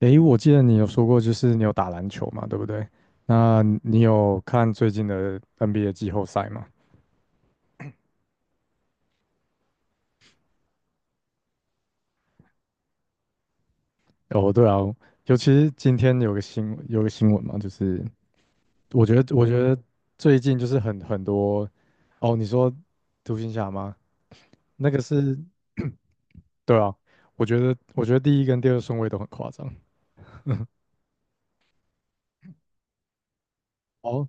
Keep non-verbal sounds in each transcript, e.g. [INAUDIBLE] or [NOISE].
诶，我记得你有说过，就是你有打篮球嘛，对不对？那你有看最近的 NBA 季后赛吗？哦，对啊，尤其是今天有个新闻嘛，我觉得最近就是很多，哦，你说独行侠吗？那个是，[CLEARS THROAT] 对啊，我觉得第一跟第二顺位都很夸张。哦，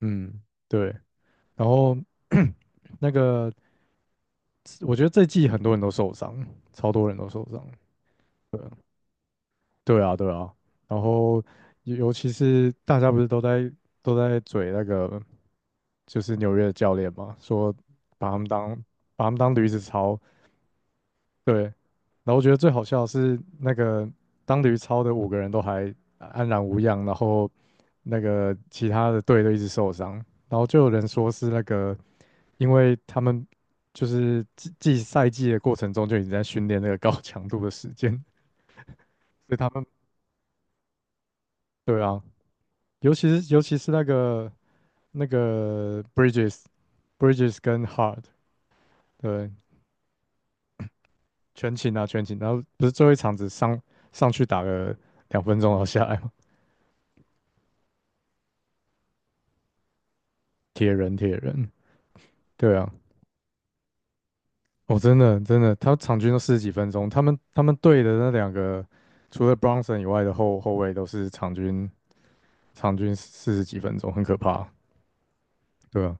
嗯，对，然后 [CLEARS THROAT] 那个我觉得这季很多人都受伤，超多人都受伤。对。对啊，对啊，然后尤其是大家不是都在嘴那个就是纽约的教练嘛，说把他们当把他们当驴子操，对。然后我觉得最好笑的是那个当驴操的五个人都还安然无恙，然后那个其他的队都一直受伤，然后就有人说是那个因为他们就是季赛的过程中就已经在训练那个高强度的时间，所以他们对啊，尤其是那个那个 Bridges Bridges 跟 Hard 对，全勤啊全勤，然后不是最后一场只上去打了两分钟然后下来吗？铁人铁人，对啊，哦，真的真的，他场均都四十几分钟，他们队的那两个除了 Bronson 以外的后卫都是场均四十几分钟，很可怕啊，对啊，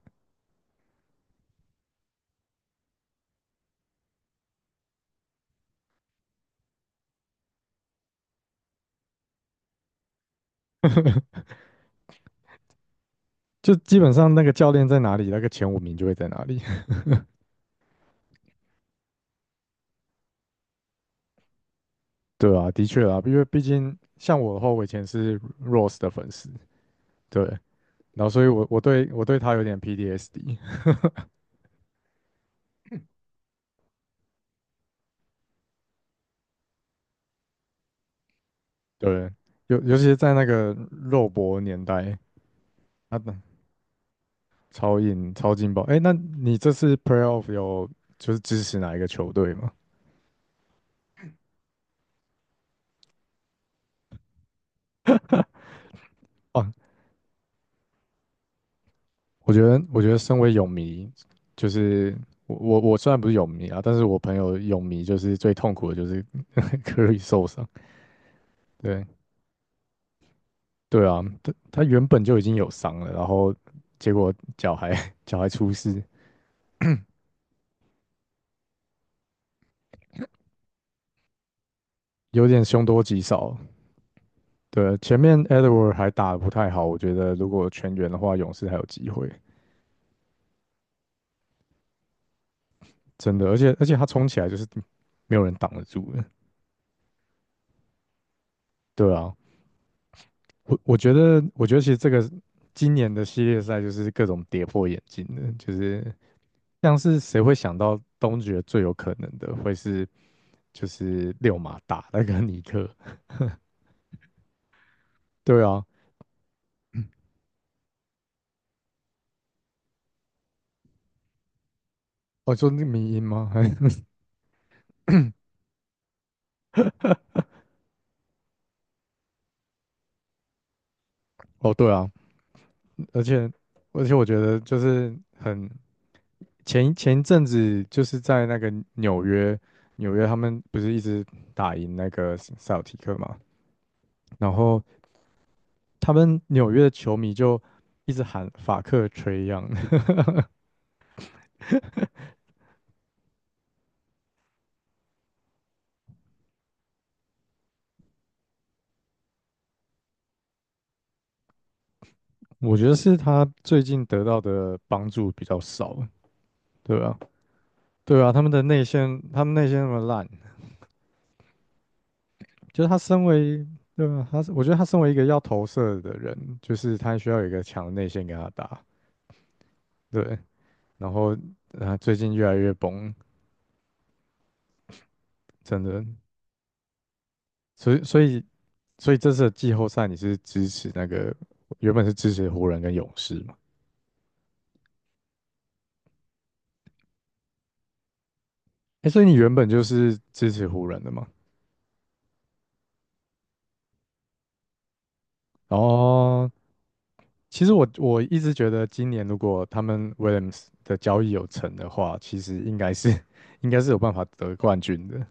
就基本上那个教练在哪里，那个前五名就会在哪里。对啊，的确啊，因为毕竟像我的话，我以前是 Rose 的粉丝，对，然后所以我对他有点 PTSD。 [LAUGHS] 对，尤其是在那个肉搏年代，他的超硬超劲爆。哎，那你这次 Playoff 有就是支持哪一个球队吗？啊，我觉得身为泳迷，就是我虽然不是泳迷啊，但是我朋友泳迷就是最痛苦的就是 [LAUGHS] 可以受伤，对，对啊，他他原本就已经有伤了，然后结果脚还 [LAUGHS] 脚还出事，有点凶多吉少。对啊，前面 Edward 还打得不太好，我觉得如果全员的话，勇士还有机会，真的。而且他冲起来就是没有人挡得住的。对啊，我觉得其实这个今年的系列赛就是各种跌破眼镜的，就是像是谁会想到东决最有可能的会是就是六马打那个尼克？对啊，哦，就是那个迷因吗？还 [LAUGHS] 哦，对啊，而且而且我觉得就是很前一阵子就是在那个纽约，纽约他们不是一直打赢那个塞尔提克嘛，然后他们纽约的球迷就一直喊法克吹样。[LAUGHS] 我觉得是他最近得到的帮助比较少，对啊，对啊，他们内线那么烂。就是他身为，对吧？他是，我觉得他身为一个要投射的人，就是他需要有一个强的内线跟他打，对。然后，啊，最近越来越崩，真的。所以，所以，所以这次的季后赛你是支持那个，原本是支持湖人跟勇士嘛？哎，所以你原本就是支持湖人的嘛？哦，其实我一直觉得今年如果他们 Williams 的交易有成的话，其实应该是 [LAUGHS] 应该是有办法得冠军的。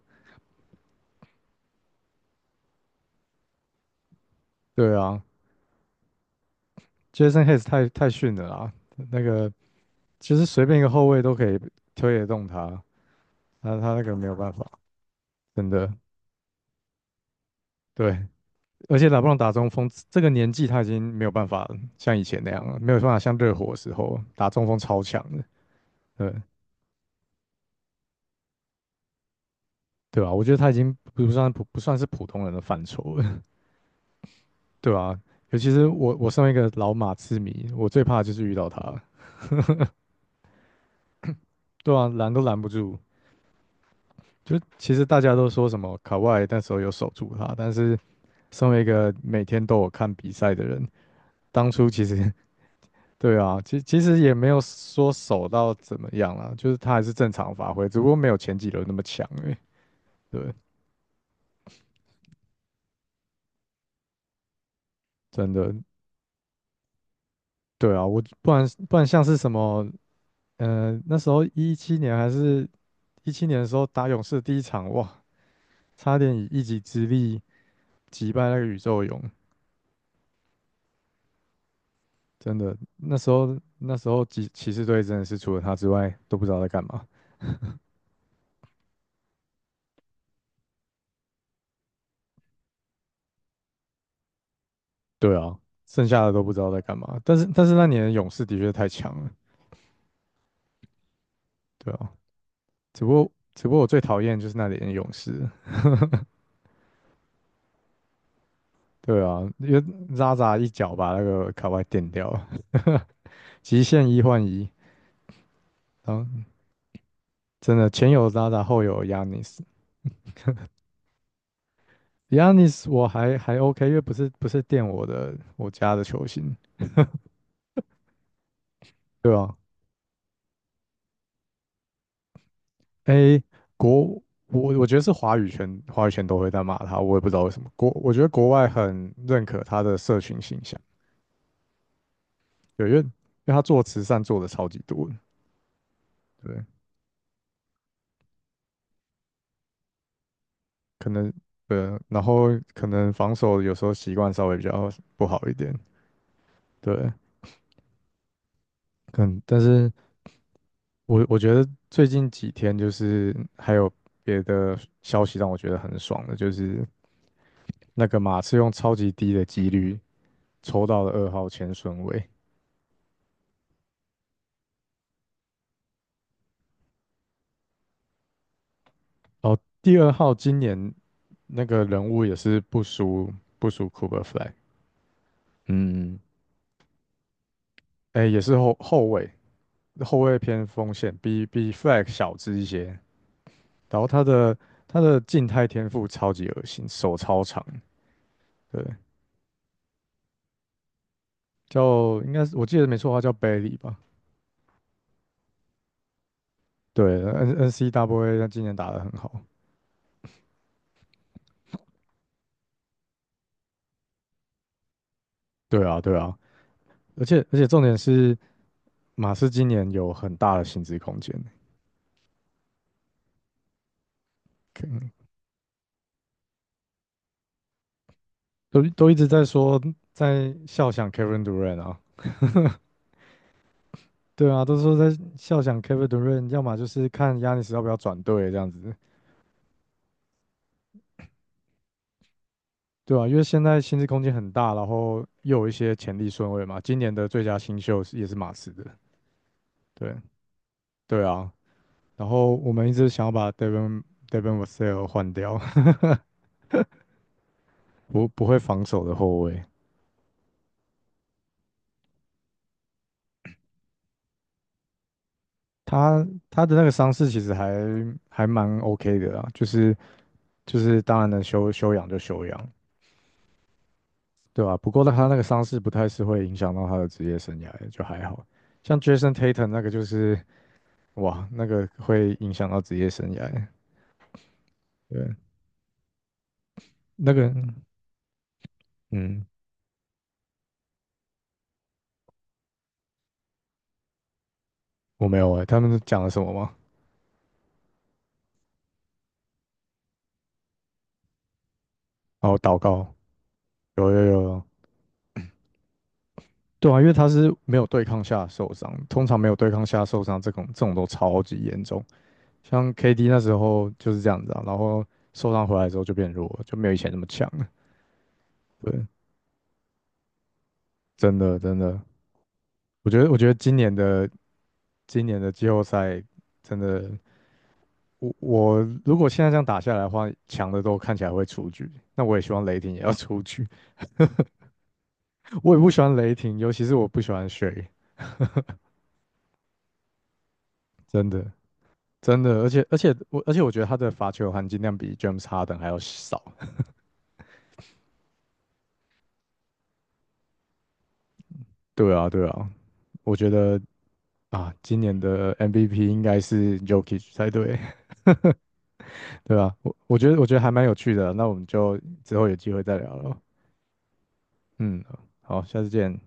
对啊，Jason Hayes 太逊了啦，那个其实随便一个后卫都可以推得动他，那他那个没有办法，真的。对，而且拉布朗打中锋，这个年纪他已经没有办法像以前那样了，没有办法像热火的时候打中锋超强的，对，对吧，我觉得他已经不算是普通人的范畴了，[LAUGHS] 对吧，尤其是我身为一个老马刺迷，我最怕的就是遇到他，对啊，拦都拦不住。就其实大家都说什么卡哇伊那时候有守住他，但是身为一个每天都有看比赛的人，当初其实 [LAUGHS] 对啊，其实也没有说守到怎么样啦，就是他还是正常发挥，只不过没有前几轮那么强而已。对，真的，对啊，我不然不然像是什么，那时候一七年的时候打勇士第一场，哇，差点以一己之力击败那个宇宙勇，真的，那时候骑士队真的是除了他之外都不知道在干嘛。对啊，剩下的都不知道在干嘛。但是那年的勇士的确太强了，对啊。只不过我最讨厌就是那年的勇士，对啊，因为渣渣一脚把那个卡哇伊垫掉了，[LAUGHS] 极限一换一，然后真的前有渣渣，后有 Yanis。Yanis 我还 OK，因为不是垫我家的球星，对啊。诶，国我觉得是华语圈都会在骂他，我也不知道为什么。我觉得国外很认可他的社群形象。有因为因为他做慈善做的超级多的，对，可能对啊，然后可能防守有时候习惯稍微比较不好一点，对，但是我觉得最近几天就是还有别的消息让我觉得很爽的，就是那个马刺用超级低的几率抽到了二号前顺位。哦，第二号今年那个人物也是不输 Cooper Flag，嗯，哎，也是后卫，后卫偏锋线，比 Flag 小只一些。然后他的静态天赋超级恶心，手超长。对，叫应该是我记得没错的话叫 Bailey 吧？对，NNCWA 他今年打得很好。对啊，对啊，而且重点是马斯今年有很大的薪资空间，可能都一直在说在笑想 Kevin Durant 啊。对啊，都说在笑想 Kevin Durant，要么就是看 Yan 要不要转队这样子。对啊，因为现在薪资空间很大，然后又有一些潜力顺位嘛。今年的最佳新秀是也是马刺的，对，对啊。然后我们一直想要把 Devin Vassell 换掉，[LAUGHS] 不会防守的后卫。他的那个伤势其实还蛮 OK 的啦，就是当然能休养就休养，对吧，不过他那个伤势不太是会影响到他的职业生涯的，就还好。像 Jason Tatum 那个就是哇，那个会影响到职业生涯，对。那个嗯，我没有哎，他们讲了什么吗？然后祷告，有对啊，因为他是没有对抗下受伤，通常没有对抗下受伤这种都超级严重，像 KD 那时候就是这样子啊，然后受伤回来之后就变弱了，就没有以前那么强了。对，真的真的，我觉得我觉得今年的今年的季后赛真的，我如果现在这样打下来的话，强的都看起来会出局，那我也希望雷霆也要出局，[LAUGHS] 我也不喜欢雷霆，尤其是我不喜欢 SGA。 真的。真的，而且我觉得他的罚球含金量比 James Harden 还要少。[LAUGHS] 对啊，对啊，我觉得啊，今年的 MVP 应该是 Jokic 才对，[LAUGHS] 对啊，我觉得还蛮有趣的，那我们就之后有机会再聊了。嗯，好，下次见。